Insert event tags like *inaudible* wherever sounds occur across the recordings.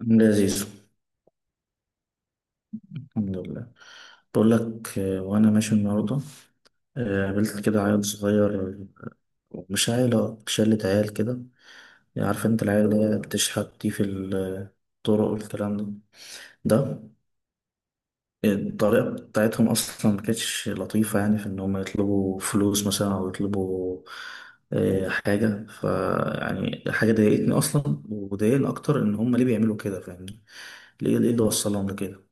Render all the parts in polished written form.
لذيذ. الحمد لله. بقول لك، وانا ماشي النهارده. قابلت كده عيل صغير، مش عيلة، شلة عيال كده. يعني عارف انت العيال اللي هي بتشحت دي في الطرق والكلام ده. ده الطريقة بتاعتهم أصلا ما كانتش لطيفة، يعني في إن هم يطلبوا فلوس مثلا أو يطلبوا حاجة، يعني حاجة ضايقتني أصلا، وضايقني أكتر إن هم ليه بيعملوا كده، فاهمني؟ ليه اللي وصلهم لكده؟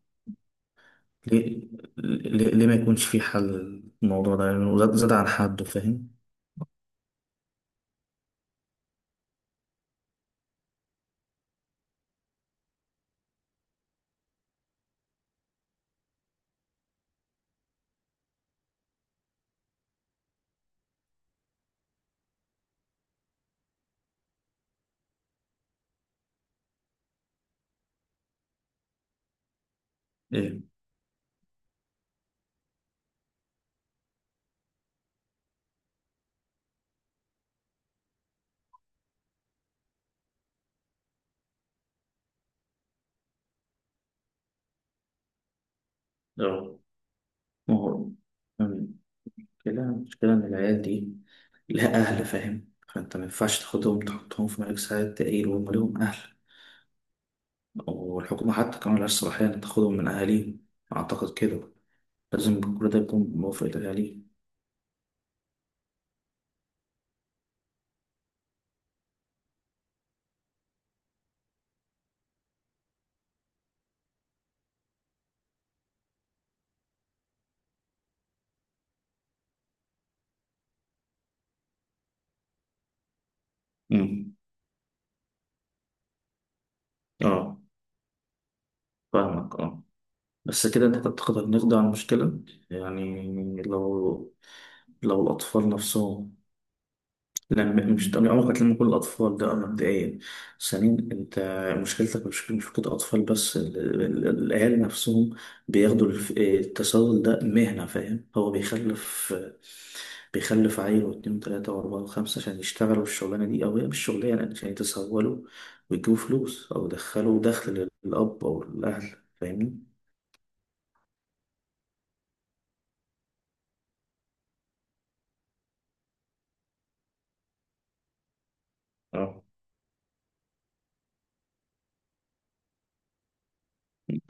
ليه, ليه ما يكونش في حل للموضوع ده؟ يعني زاد عن حده، فاهم؟ ايه. اه. ما هو المشكلة المشكلة إن العيال دي لها أهل، فاهم؟ فأنت ما ينفعش تاخدهم تحطهم في ملك سعادة تقيل وهم ليهم أهل. والحكومة حتى كمان ملهاش صلاحية إن تاخدهم من أهاليهم، أعتقد كده. لازم كل ده يكون بموافقة أهاليهم. أمم. اه، فاهمك. اه، بس كده أنت تعتقد هنقضي على المشكلة؟ يعني، لو لو الأطفال نفسهم، لما مش طبيعي عمرك ما تلم كل الأطفال ده مبدئيا. ثانيا أنت مشكلتك مش مشكلة أطفال بس، الأهالي نفسهم بياخدوا التسول ده مهنة، فاهم؟ هو بيخلف عيل واتنين وتلاتة وأربعة وخمسة عشان يشتغلوا الشغلانة دي، أو هي مش شغلانة يعني، عشان يتسولوا ويجيبوا فلوس أو يدخلوا دخل للأب أو الأهل، فاهمني؟ اه.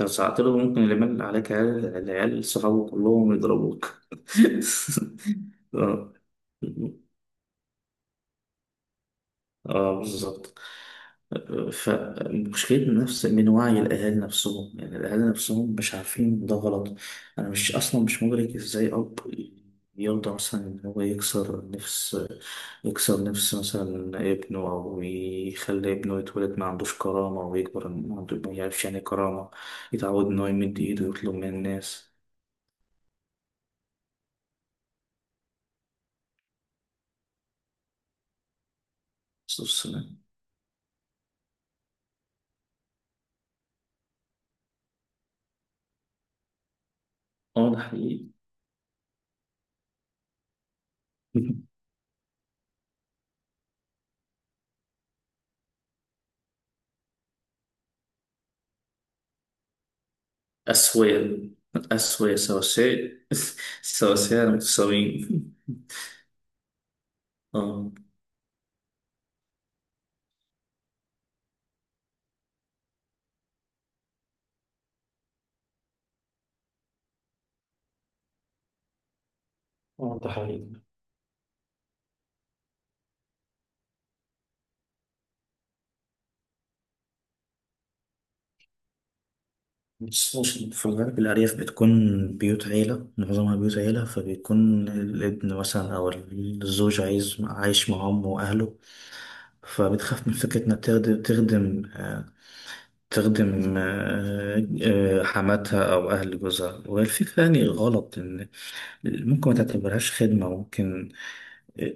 لو ساعات له ممكن اللي مل عليك العيال صحابه كلهم يضربوك. *laughs* اه. اه، بالظبط. فمشكلة نفس من وعي الأهالي نفسهم، يعني الأهالي نفسهم مش عارفين ده غلط. أنا مش أصلا مش مدرك إزاي أب يرضى مثلا إن هو يكسر نفس، يكسر نفس مثلا ابنه، أو يخلي ابنه يتولد ما عندوش كرامة ويكبر ما عنده ما يعرفش يعني إيه كرامة، يتعود إن هو يمد إيده ويطلب من الناس. بس بس- اه، ده حقيقي. *laughs* أسوية. سواسية. *laughs* سواسية، متساويين. اه. اه، ده حقيقي. بس بص، في الغالب الأرياف بتكون بيوت عيلة، معظمها بيوت عيلة، فبيكون الابن مثلا أو الزوج عايز عايش مع أمه وأهله، فبتخاف من فكرة إنها تخدم حماتها أو أهل جوزها، والفكرة يعني غلط. إن ممكن ما تعتبرهاش خدمة، ممكن آه،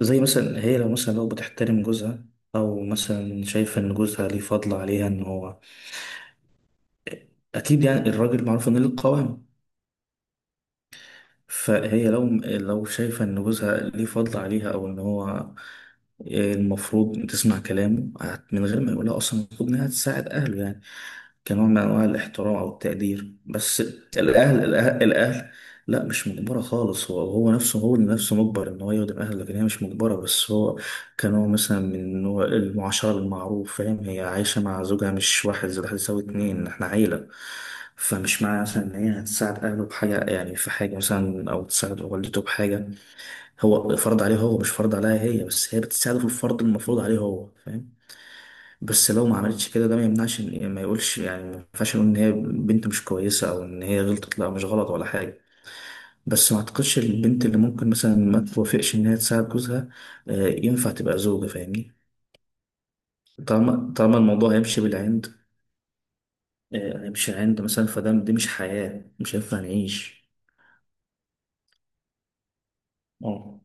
زي مثلا هي لو بتحترم جوزها، أو مثلا شايفة إن جوزها ليه فضل عليها، إن هو أكيد يعني، الراجل معروف إنه ليه القوام. فهي لو شايفة إن جوزها ليه فضل عليها، أو إن هو المفروض تسمع كلامه، من غير ما يقولها أصلا المفروض إنها تساعد أهله، يعني كنوع من أنواع الاحترام أو التقدير بس. الأهل، لا، مش مجبرة خالص. هو نفسه، هو اللي نفسه مجبر إن هو يخدم أهله، لكن هي مش مجبرة. بس هو كان هو مثلا من نوع المعاشرة بالمعروف، فاهم؟ هي عايشة مع زوجها، مش واحد زائد واحد يساوي اتنين، احنا عيلة. فمش معنى مثلا إن هي هتساعد أهله بحاجة، يعني في حاجة مثلا أو تساعد والدته بحاجة، هو فرض عليه، هو مش فرض عليها هي، بس هي بتساعده في الفرض المفروض عليه هو، فاهم؟ بس لو ما عملتش كده، ده ما يمنعش يعني ما يقولش، يعني ما ينفعش نقول إن هي بنت مش كويسة، أو إن هي غلطت، لا، مش غلط ولا حاجة. بس ما أعتقدش البنت اللي ممكن مثلا ما توافقش إن هي تساعد جوزها ينفع تبقى زوجة، فاهمني؟ طالما الموضوع هيمشي بالعند، هيمشي عند مثلا، فده دي مش حياة، مش هينفع نعيش. اه،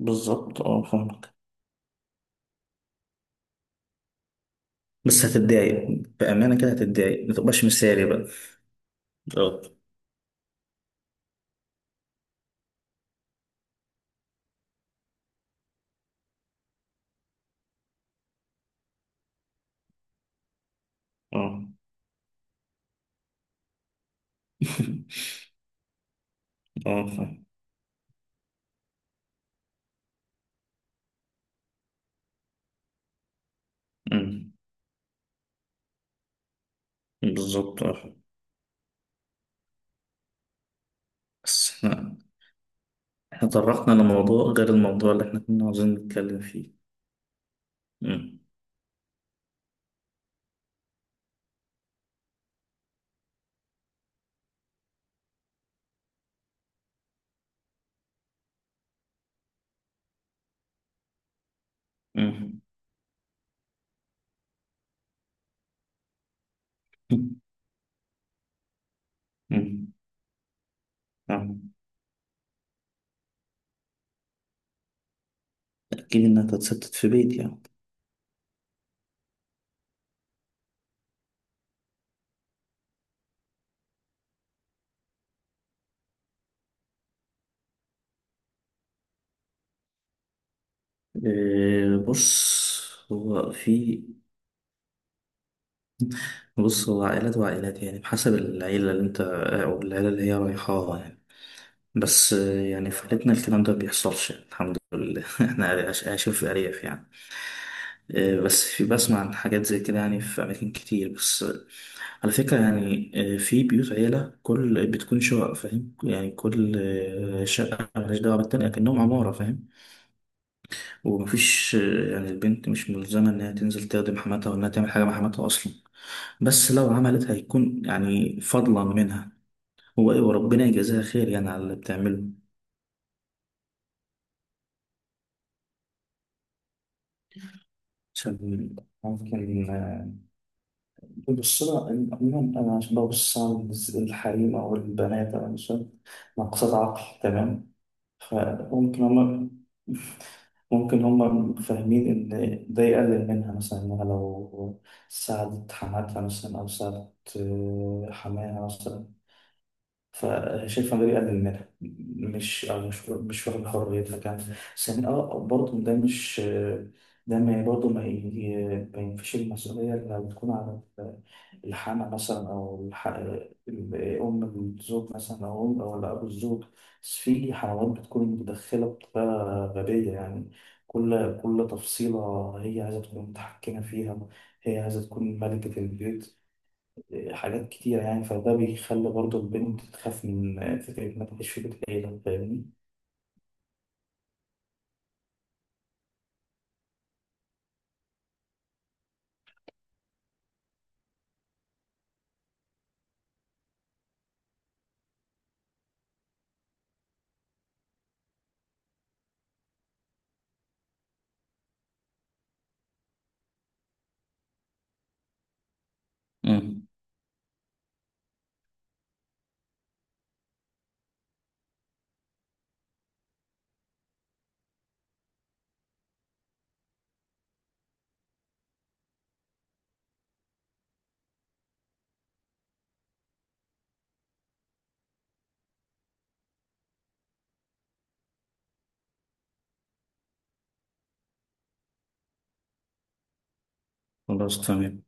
بالظبط. اه، فاهمك. بس هتتضايق، بأمانة كده هتتضايق، ما تبقاش مثالي بقى. بالظبط، اه. *laughs* اه، فاهم. أمم. بالظبط، اه. بس احنا طرقنا لموضوع غير الموضوع اللي احنا كنا عاوزين نتكلم فيه. أمم. أمم. أمم. فاهم. أكيد إنها تتستت في بيت، يعني. إيه بص هو في بص، هو عائلات وعائلات، يعني بحسب العيلة اللي انت، او العيلة اللي هي رايحاها يعني. بس يعني في عيلتنا الكلام ده بيحصلش يعني، الحمد لله. *laughs* احنا عايشين في ارياف يعني. بس في، بسمع عن حاجات زي كده يعني في اماكن كتير، بس على فكرة يعني، في بيوت عيلة، كل بتكون شقق، فاهم يعني؟ كل شقة مالهاش دعوة بالتانية، كأنهم عمارة، فاهم؟ ومفيش يعني، البنت مش ملزمة إنها تنزل تخدم حماتها، وإنها تعمل حاجة مع حماتها أصلا، بس لو عملت هيكون يعني فضلا منها. هو إيه، وربنا يجازيها خير يعني على اللي بتعمله. عشان ممكن بص لها عموما أنا عشان ببص على الحريم أو البنات أو النساء ناقصات عقل، تمام؟ فممكن هما، ممكن هما فاهمين إن ده يقلل منها مثلا، إنها لو ساعدت حماتها مثلا، أو ساعدت حماها مثلا، فشايف فان داير يقلل منها، مش أو مش واخد حريتها كمان. ثانيا اه، برضه ده مش، ده ما برضه ما ينفيش المسؤولية لو تكون على الحامة مثلا، أو أم الزوج مثلا، أو أم أو أبو الزوج. بس في حموات بتكون متدخلة بطريقة غبية يعني، كل تفصيلة هي عايزة تكون متحكمة فيها، هي عايزة تكون ملكة البيت، حاجات كتير يعني، فده بيخلي برضه البنت تخاف من فكرة إنها تعيش في بيت عيلة، فاهمني؟ خلاص، تمام.